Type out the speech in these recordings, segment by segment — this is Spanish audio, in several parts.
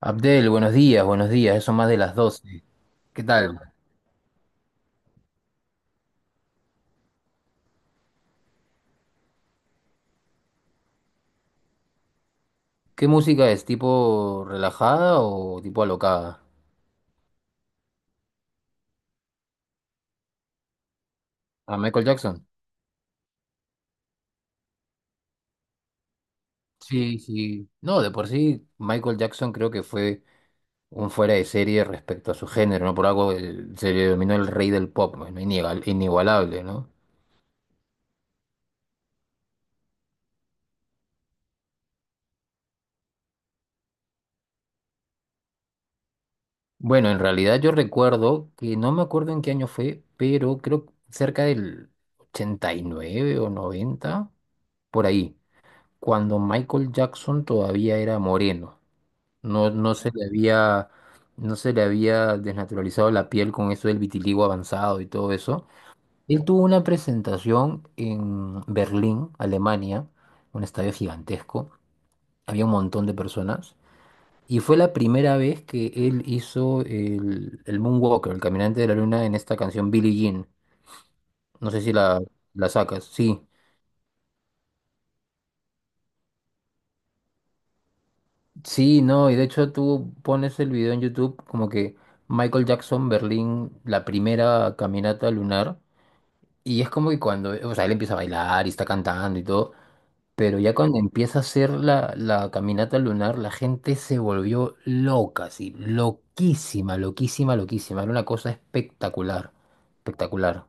Abdel, buenos días, ya son más de las 12. ¿Qué tal? ¿Qué música es? ¿Tipo relajada o tipo alocada? ¿A Michael Jackson? Sí, sí. No, de por sí, Michael Jackson creo que fue un fuera de serie respecto a su género, ¿no? Por algo se le denominó el rey del pop, bueno, inigualable, ¿no? Bueno, en realidad yo recuerdo que no me acuerdo en qué año fue, pero creo que cerca del 89 o 90 por ahí, cuando Michael Jackson todavía era moreno. No, no se le había, no se le había desnaturalizado la piel con eso del vitiligo avanzado y todo eso. Él tuvo una presentación en Berlín, Alemania, un estadio gigantesco. Había un montón de personas. Y fue la primera vez que él hizo el Moonwalker, el caminante de la luna, en esta canción Billie Jean. No sé si la, la sacas. Sí, sí, no. Y de hecho tú pones el video en YouTube como que Michael Jackson, Berlín, la primera caminata lunar. Y es como que cuando, o sea, él empieza a bailar y está cantando y todo, pero ya cuando empieza a hacer la caminata lunar, la gente se volvió loca, así, loquísima, loquísima, loquísima. Era una cosa espectacular, espectacular.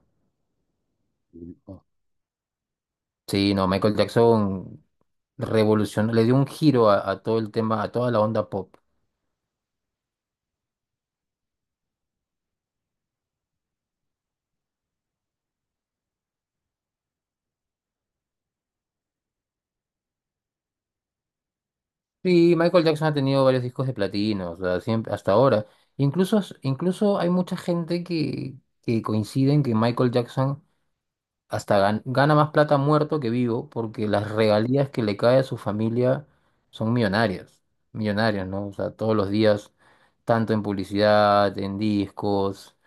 Sí, no, Michael Jackson revolucionó, le dio un giro a todo el tema, a toda la onda pop. Sí, Michael Jackson ha tenido varios discos de platino, o sea, siempre, hasta ahora. Incluso hay mucha gente que coincide en que Michael Jackson hasta gana más plata muerto que vivo porque las regalías que le cae a su familia son millonarias, millonarias, ¿no? O sea, todos los días, tanto en publicidad, en discos,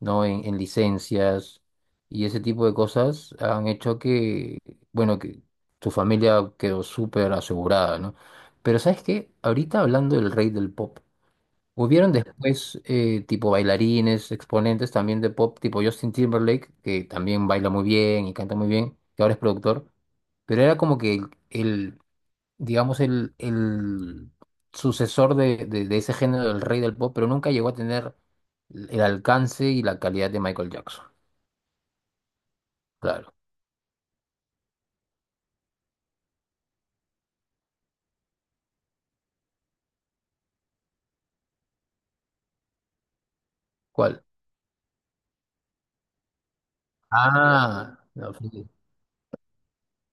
¿no? En licencias y ese tipo de cosas han hecho que, bueno, que su familia quedó súper asegurada, ¿no? Pero ¿sabes qué? Ahorita hablando del rey del pop, hubieron después tipo bailarines, exponentes también de pop, tipo Justin Timberlake, que también baila muy bien y canta muy bien, que ahora es productor, pero era como que digamos, el sucesor de, de ese género del rey del pop, pero nunca llegó a tener el alcance y la calidad de Michael Jackson. Claro. ¿Cuál? Ah, no, sí.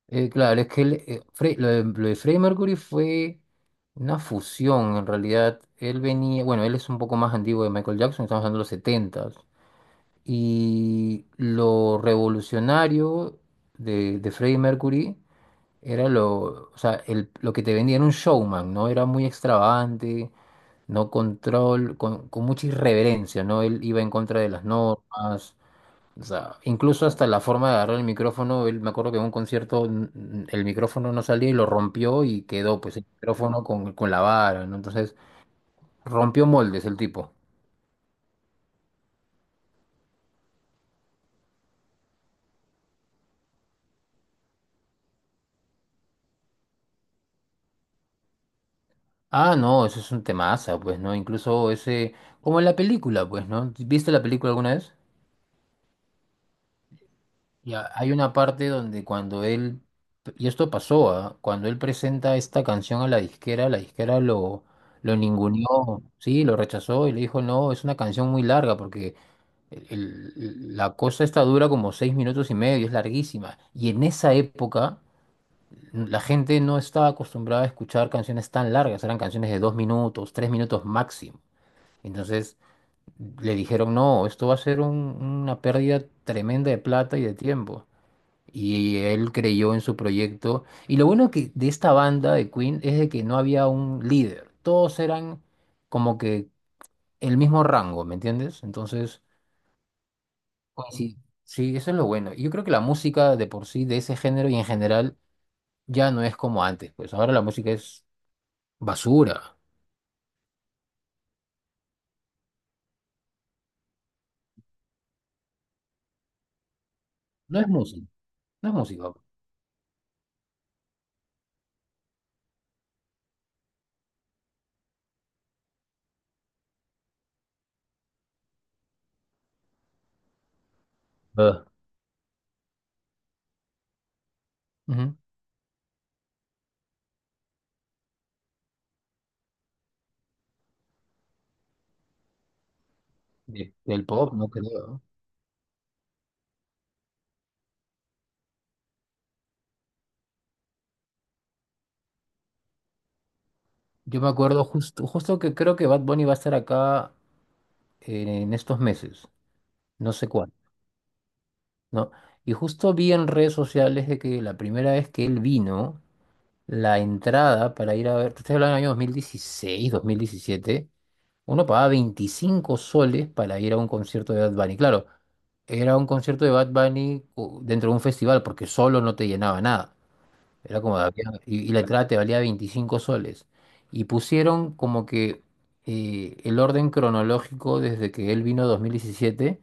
Claro, es que él, lo de Freddie Mercury fue una fusión, en realidad. Él venía, bueno, él es un poco más antiguo de Michael Jackson, estamos hablando de los 70. Y lo revolucionario de Freddie Mercury era lo, o sea, lo que te vendía era un showman, ¿no? Era muy extravagante, no control, con mucha irreverencia, ¿no? Él iba en contra de las normas, o sea, incluso hasta la forma de agarrar el micrófono, él me acuerdo que en un concierto el micrófono no salía y lo rompió y quedó pues el micrófono con la vara, ¿no? Entonces rompió moldes el tipo. Ah, no, eso es un temaza, pues, ¿no? Incluso ese, como en la película, pues, ¿no? ¿Viste la película alguna vez? Ya, hay una parte donde cuando él, y esto pasó, ¿ah? Cuando él presenta esta canción a la disquera lo ninguneó, sí, lo rechazó y le dijo, no, es una canción muy larga porque... la cosa esta dura como 6 minutos y medio, es larguísima. Y en esa época la gente no estaba acostumbrada a escuchar canciones tan largas, eran canciones de 2 minutos, 3 minutos máximo. Entonces le dijeron, no, esto va a ser una pérdida tremenda de plata y de tiempo. Y él creyó en su proyecto. Y lo bueno que de esta banda de Queen es de que no había un líder. Todos eran como que el mismo rango, ¿me entiendes? Entonces oye, sí, sí, eso es lo bueno. Y yo creo que la música de por sí, de ese género y en general, ya no es como antes. Pues ahora la música es basura. No es música, no es música. Ah. Ujú. Del pop, no creo. Yo me acuerdo justo, justo que creo que Bad Bunny va a estar acá en estos meses, no sé cuándo, ¿no? Y justo vi en redes sociales de que la primera vez que él vino, la entrada para ir a ver, te estoy hablando del año 2016, 2017. Uno pagaba 25 soles para ir a un concierto de Bad Bunny. Claro, era un concierto de Bad Bunny dentro de un festival porque solo no te llenaba nada. Era como, y la entrada te valía 25 soles. Y pusieron como que el orden cronológico desde que él vino 2017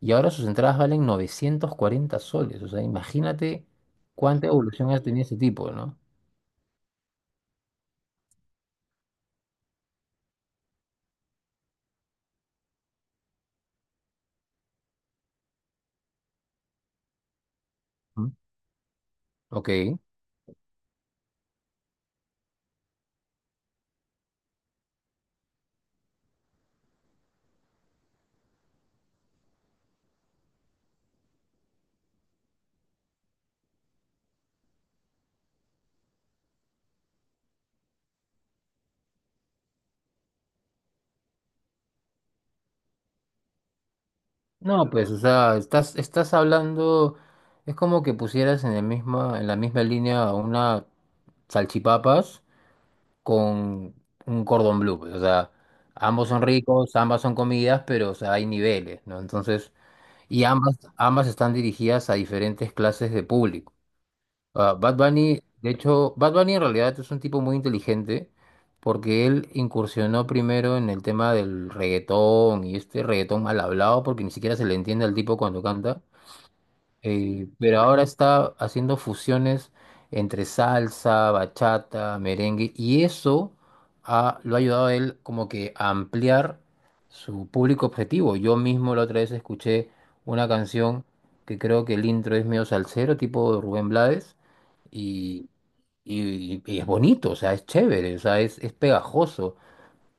y ahora sus entradas valen 940 soles. O sea, imagínate cuánta evolución ha tenido ese tipo, ¿no? Mm. Ok. No, pues, o sea, estás, estás hablando, es como que pusieras en el misma, en la misma línea una salchipapas con un cordón bleu, pues, o sea, ambos son ricos, ambas son comidas, pero, o sea, hay niveles, ¿no? Entonces, y ambas, ambas están dirigidas a diferentes clases de público. Ah, Bad Bunny, de hecho, Bad Bunny en realidad es un tipo muy inteligente porque él incursionó primero en el tema del reggaetón y este reggaetón mal hablado porque ni siquiera se le entiende al tipo cuando canta. Pero ahora está haciendo fusiones entre salsa, bachata, merengue, y eso lo ha ayudado a él como que a ampliar su público objetivo. Yo mismo la otra vez escuché una canción que creo que el intro es medio salsero, tipo Rubén Blades, y, y es bonito, o sea, es chévere, o sea, es pegajoso,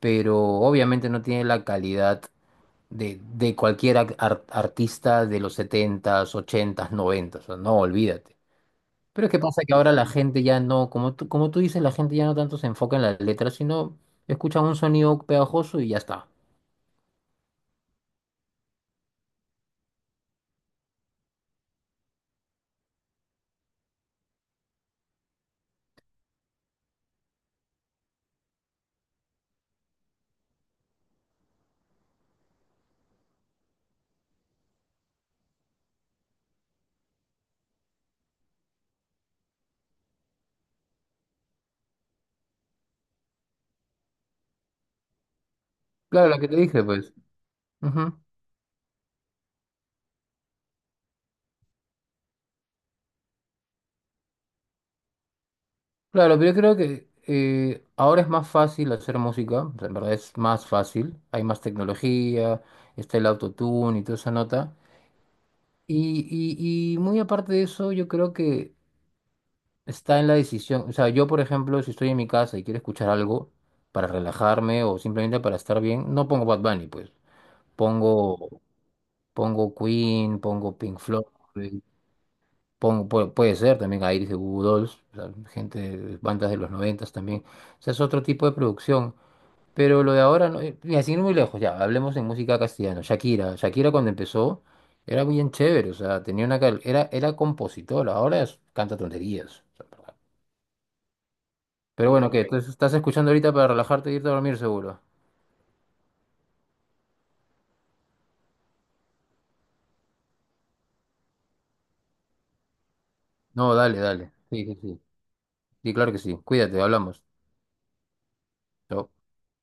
pero obviamente no tiene la calidad de cualquier artista de los setentas ochentas noventas o no, olvídate. Pero es que pasa que ahora la gente ya no, como tú dices, la gente ya no tanto se enfoca en las letras, sino escucha un sonido pegajoso y ya está. Claro, la que te dije, pues. Ujú. Claro, pero yo creo que ahora es más fácil hacer música, o sea, en verdad es más fácil, hay más tecnología, está el autotune y toda esa nota. Y muy aparte de eso, yo creo que está en la decisión. O sea, yo, por ejemplo, si estoy en mi casa y quiero escuchar algo para relajarme o simplemente para estar bien, no pongo Bad Bunny, pues. Pongo, pongo Queen, pongo Pink Floyd, pongo, puede, puede ser también a Iris de Goo Goo Dolls, o sea, gente, bandas de los noventas también. O sea, es otro tipo de producción. Pero lo de ahora, no, mira, sin ir muy lejos, ya, hablemos en música castellana. Shakira, Shakira cuando empezó era bien chévere, o sea, tenía una, era compositora, ahora canta tonterías. Pero bueno, ¿qué? Entonces, ¿estás escuchando ahorita para relajarte e irte a dormir seguro? No, dale, dale. Sí, sí, sí. Sí, claro que sí. Cuídate, hablamos. Chao.